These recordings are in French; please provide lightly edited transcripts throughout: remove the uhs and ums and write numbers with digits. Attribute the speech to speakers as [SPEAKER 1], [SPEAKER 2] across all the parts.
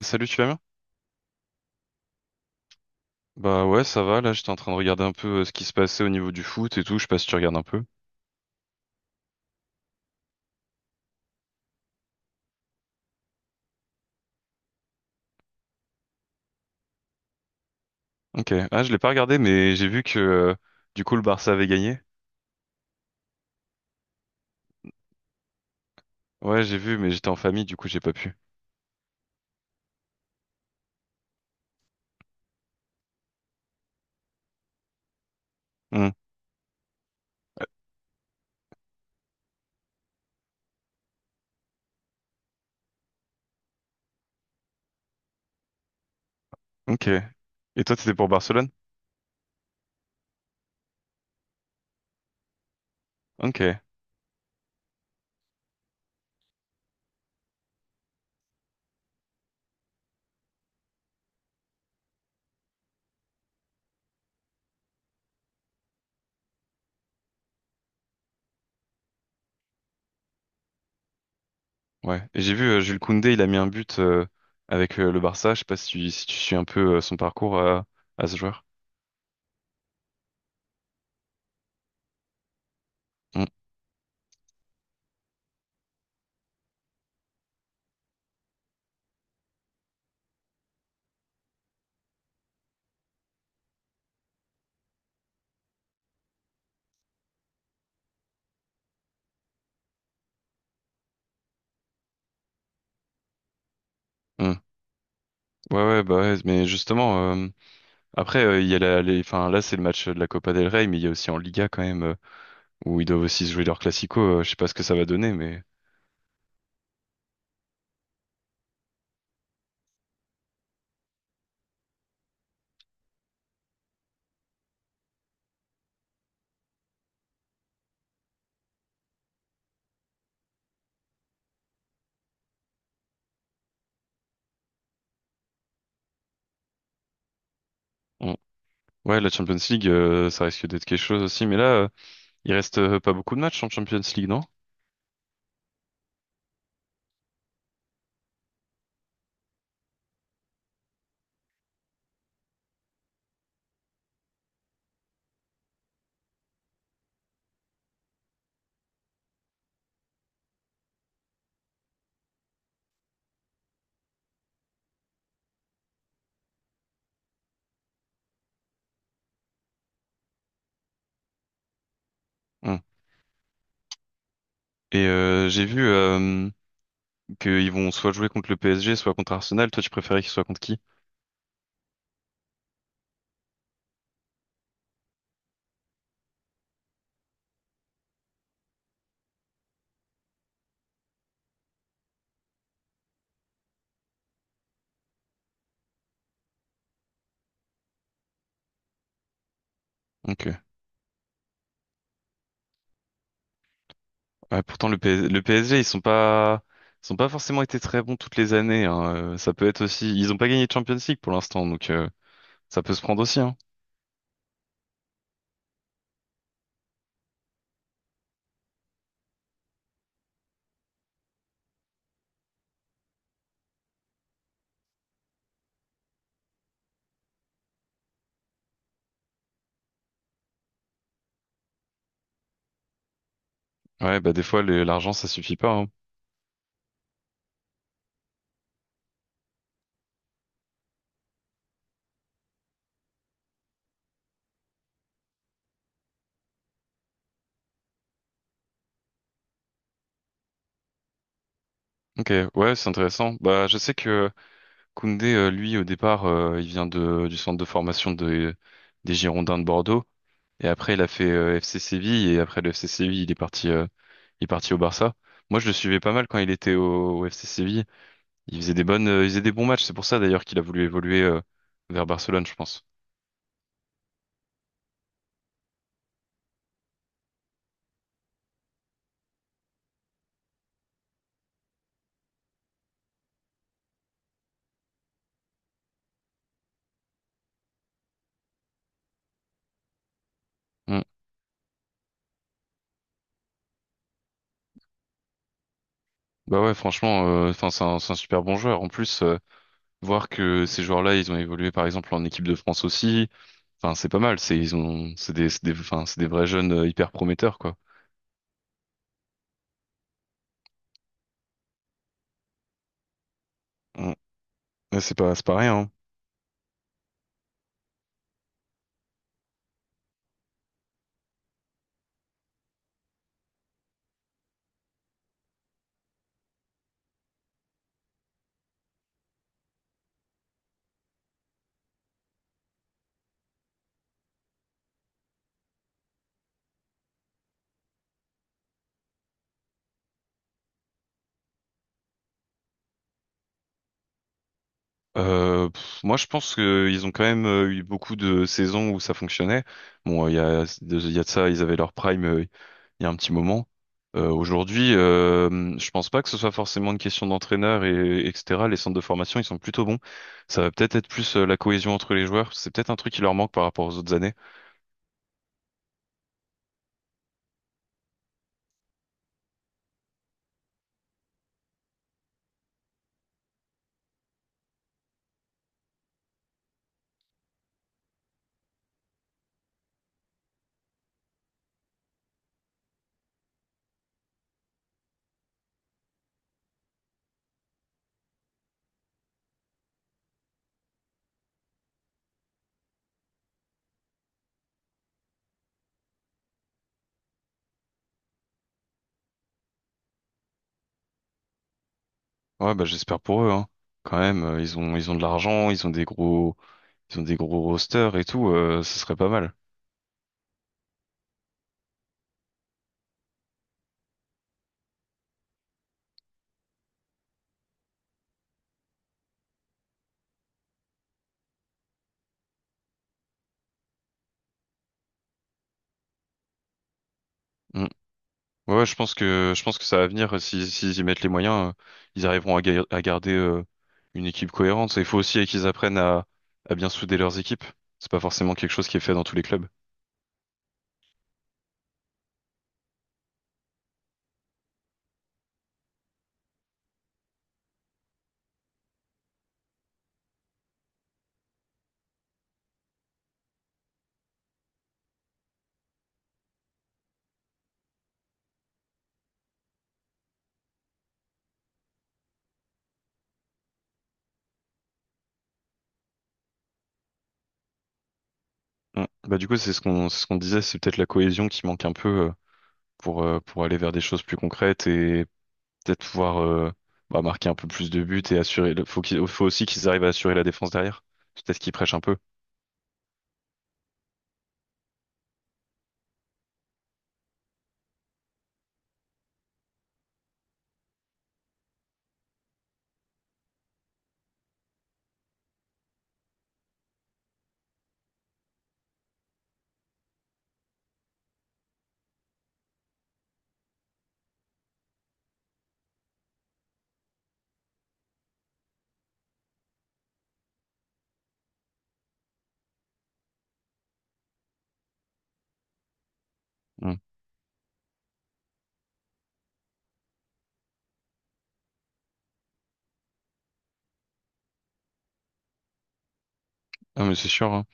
[SPEAKER 1] Salut, tu vas bien? Bah ouais, ça va. Là, j'étais en train de regarder un peu ce qui se passait au niveau du foot et tout. Je sais pas si tu regardes un peu. Ok. Ah, je l'ai pas regardé, mais j'ai vu que du coup le Barça avait gagné. Ouais, j'ai vu, mais j'étais en famille, du coup j'ai pas pu. Hmm, ok. Et toi, t'étais pour Barcelone? Ok. Ouais. Et j'ai vu Jules Koundé, il a mis un but avec le Barça. Je sais pas si tu, si tu suis un peu son parcours à ce joueur. Hmm, hmm. Ouais, ouais, bah ouais. Mais justement, après, il y a la, les, enfin, là, c'est le match de la Copa del Rey, mais il y a aussi en Liga quand même. Ou ils doivent aussi se jouer leur classico, je sais pas ce que ça va donner, mais... on- Ouais, la Champions League, ça risque d'être quelque chose aussi, mais là, il reste pas beaucoup de matchs en Champions League, non? Hum. Et j'ai vu qu'ils vont soit jouer contre le PSG, soit contre Arsenal. Toi, tu préférais qu'ils soient contre qui? Ok. Ouais, pourtant, le PSG, ils sont pas forcément été très bons toutes les années, hein. Ça peut être aussi... Ils ont pas gagné de Champions League pour l'instant, donc ça peut se prendre aussi, hein. Ouais, bah des fois, l'argent, ça suffit pas, hein. Ok, ouais, c'est intéressant. Bah, je sais que Koundé, lui, au départ, il vient de, du centre de formation de, des Girondins de Bordeaux. Et après, il a fait FC Séville. Et après le FC Séville, il est parti au Barça. Moi, je le suivais pas mal quand il était au FC Séville. Il faisait des bonnes, il faisait des bons matchs. C'est pour ça, d'ailleurs, qu'il a voulu évoluer vers Barcelone, je pense. Mm. Bah ouais, franchement, enfin, c'est un super bon joueur. En plus, voir que ces joueurs-là, ils ont évolué par exemple en équipe de France aussi. Enfin, c'est pas mal. C'est ils ont, enfin, c'est des vrais jeunes hyper prometteurs quoi. Mm. Ouais, c'est pas, c'est pas rien, hein. Moi, je pense qu'ils ont quand même eu beaucoup de saisons où ça fonctionnait. Bon, il y a de ça, ils avaient leur prime il y a un petit moment. Aujourd'hui, je pense pas que ce soit forcément une question d'entraîneur et etc. Les centres de formation, ils sont plutôt bons. Ça va peut-être être plus la cohésion entre les joueurs. C'est peut-être un truc qui leur manque par rapport aux autres années. Ouais, bah j'espère pour eux, hein. Quand même, ils ont de l'argent, ils ont des gros ils ont des gros rosters et tout. Ce serait pas mal. Ouais, ouais, je pense que ça va venir. Si s'ils y mettent les moyens, ils arriveront à, à garder une équipe cohérente. Il faut aussi qu'ils apprennent à bien souder leurs équipes. C'est pas forcément quelque chose qui est fait dans tous les clubs. Mm. Bah du coup, c'est ce qu'on disait, c'est peut-être la cohésion qui manque un peu pour aller vers des choses plus concrètes et peut-être pouvoir bah, marquer un peu plus de buts et assurer. Le, faut aussi qu'ils arrivent à assurer la défense derrière. C'est peut-être qu'ils prêchent un peu. Mm. Ah mais c'est sûr, hein.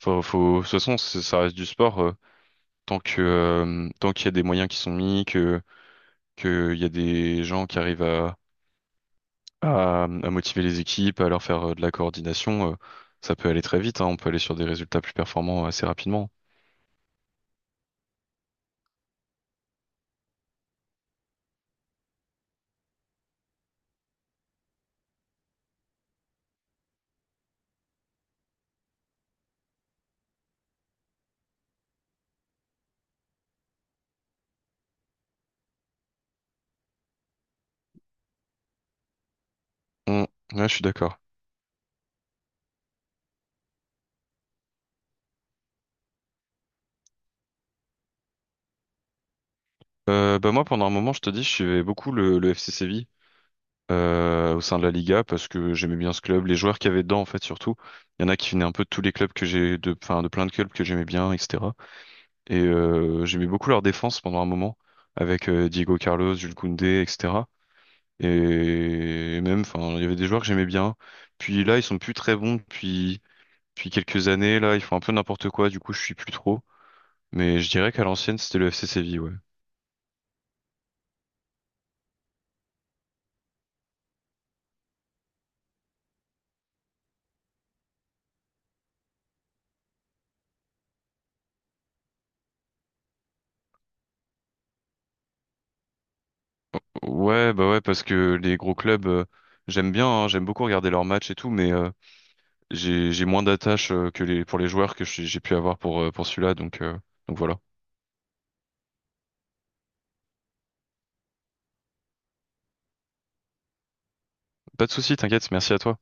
[SPEAKER 1] Faut, faut, de toute façon, ça reste du sport. Tant que tant qu'il y a des moyens qui sont mis, que il y a des gens qui arrivent à motiver les équipes, à leur faire de la coordination, ça peut aller très vite, hein, on peut aller sur des résultats plus performants assez rapidement. Mm. Ouais, je suis d'accord. Bah moi pendant un moment, je te dis, je suivais beaucoup le FC Séville au sein de la Liga parce que j'aimais bien ce club, les joueurs qu'il y avait dedans en fait surtout. Il y en a qui venaient un peu de tous les clubs que j'ai de enfin de plein de clubs que j'aimais bien, etc. Et j'aimais beaucoup leur défense pendant un moment, avec Diego Carlos, Jules Koundé, etc. Et même, enfin, il y avait des joueurs que j'aimais bien. Puis là, ils sont plus très bons depuis quelques années. Là, ils font un peu n'importe quoi, du coup, je suis plus trop. Mais je dirais qu'à l'ancienne, c'était le FC Séville, ouais. Ouais, bah ouais, parce que les gros clubs, j'aime bien, hein, j'aime beaucoup regarder leurs matchs et tout, mais j'ai moins d'attache que les pour les joueurs que j'ai pu avoir pour celui-là, donc voilà. Pas de souci, t'inquiète, merci à toi.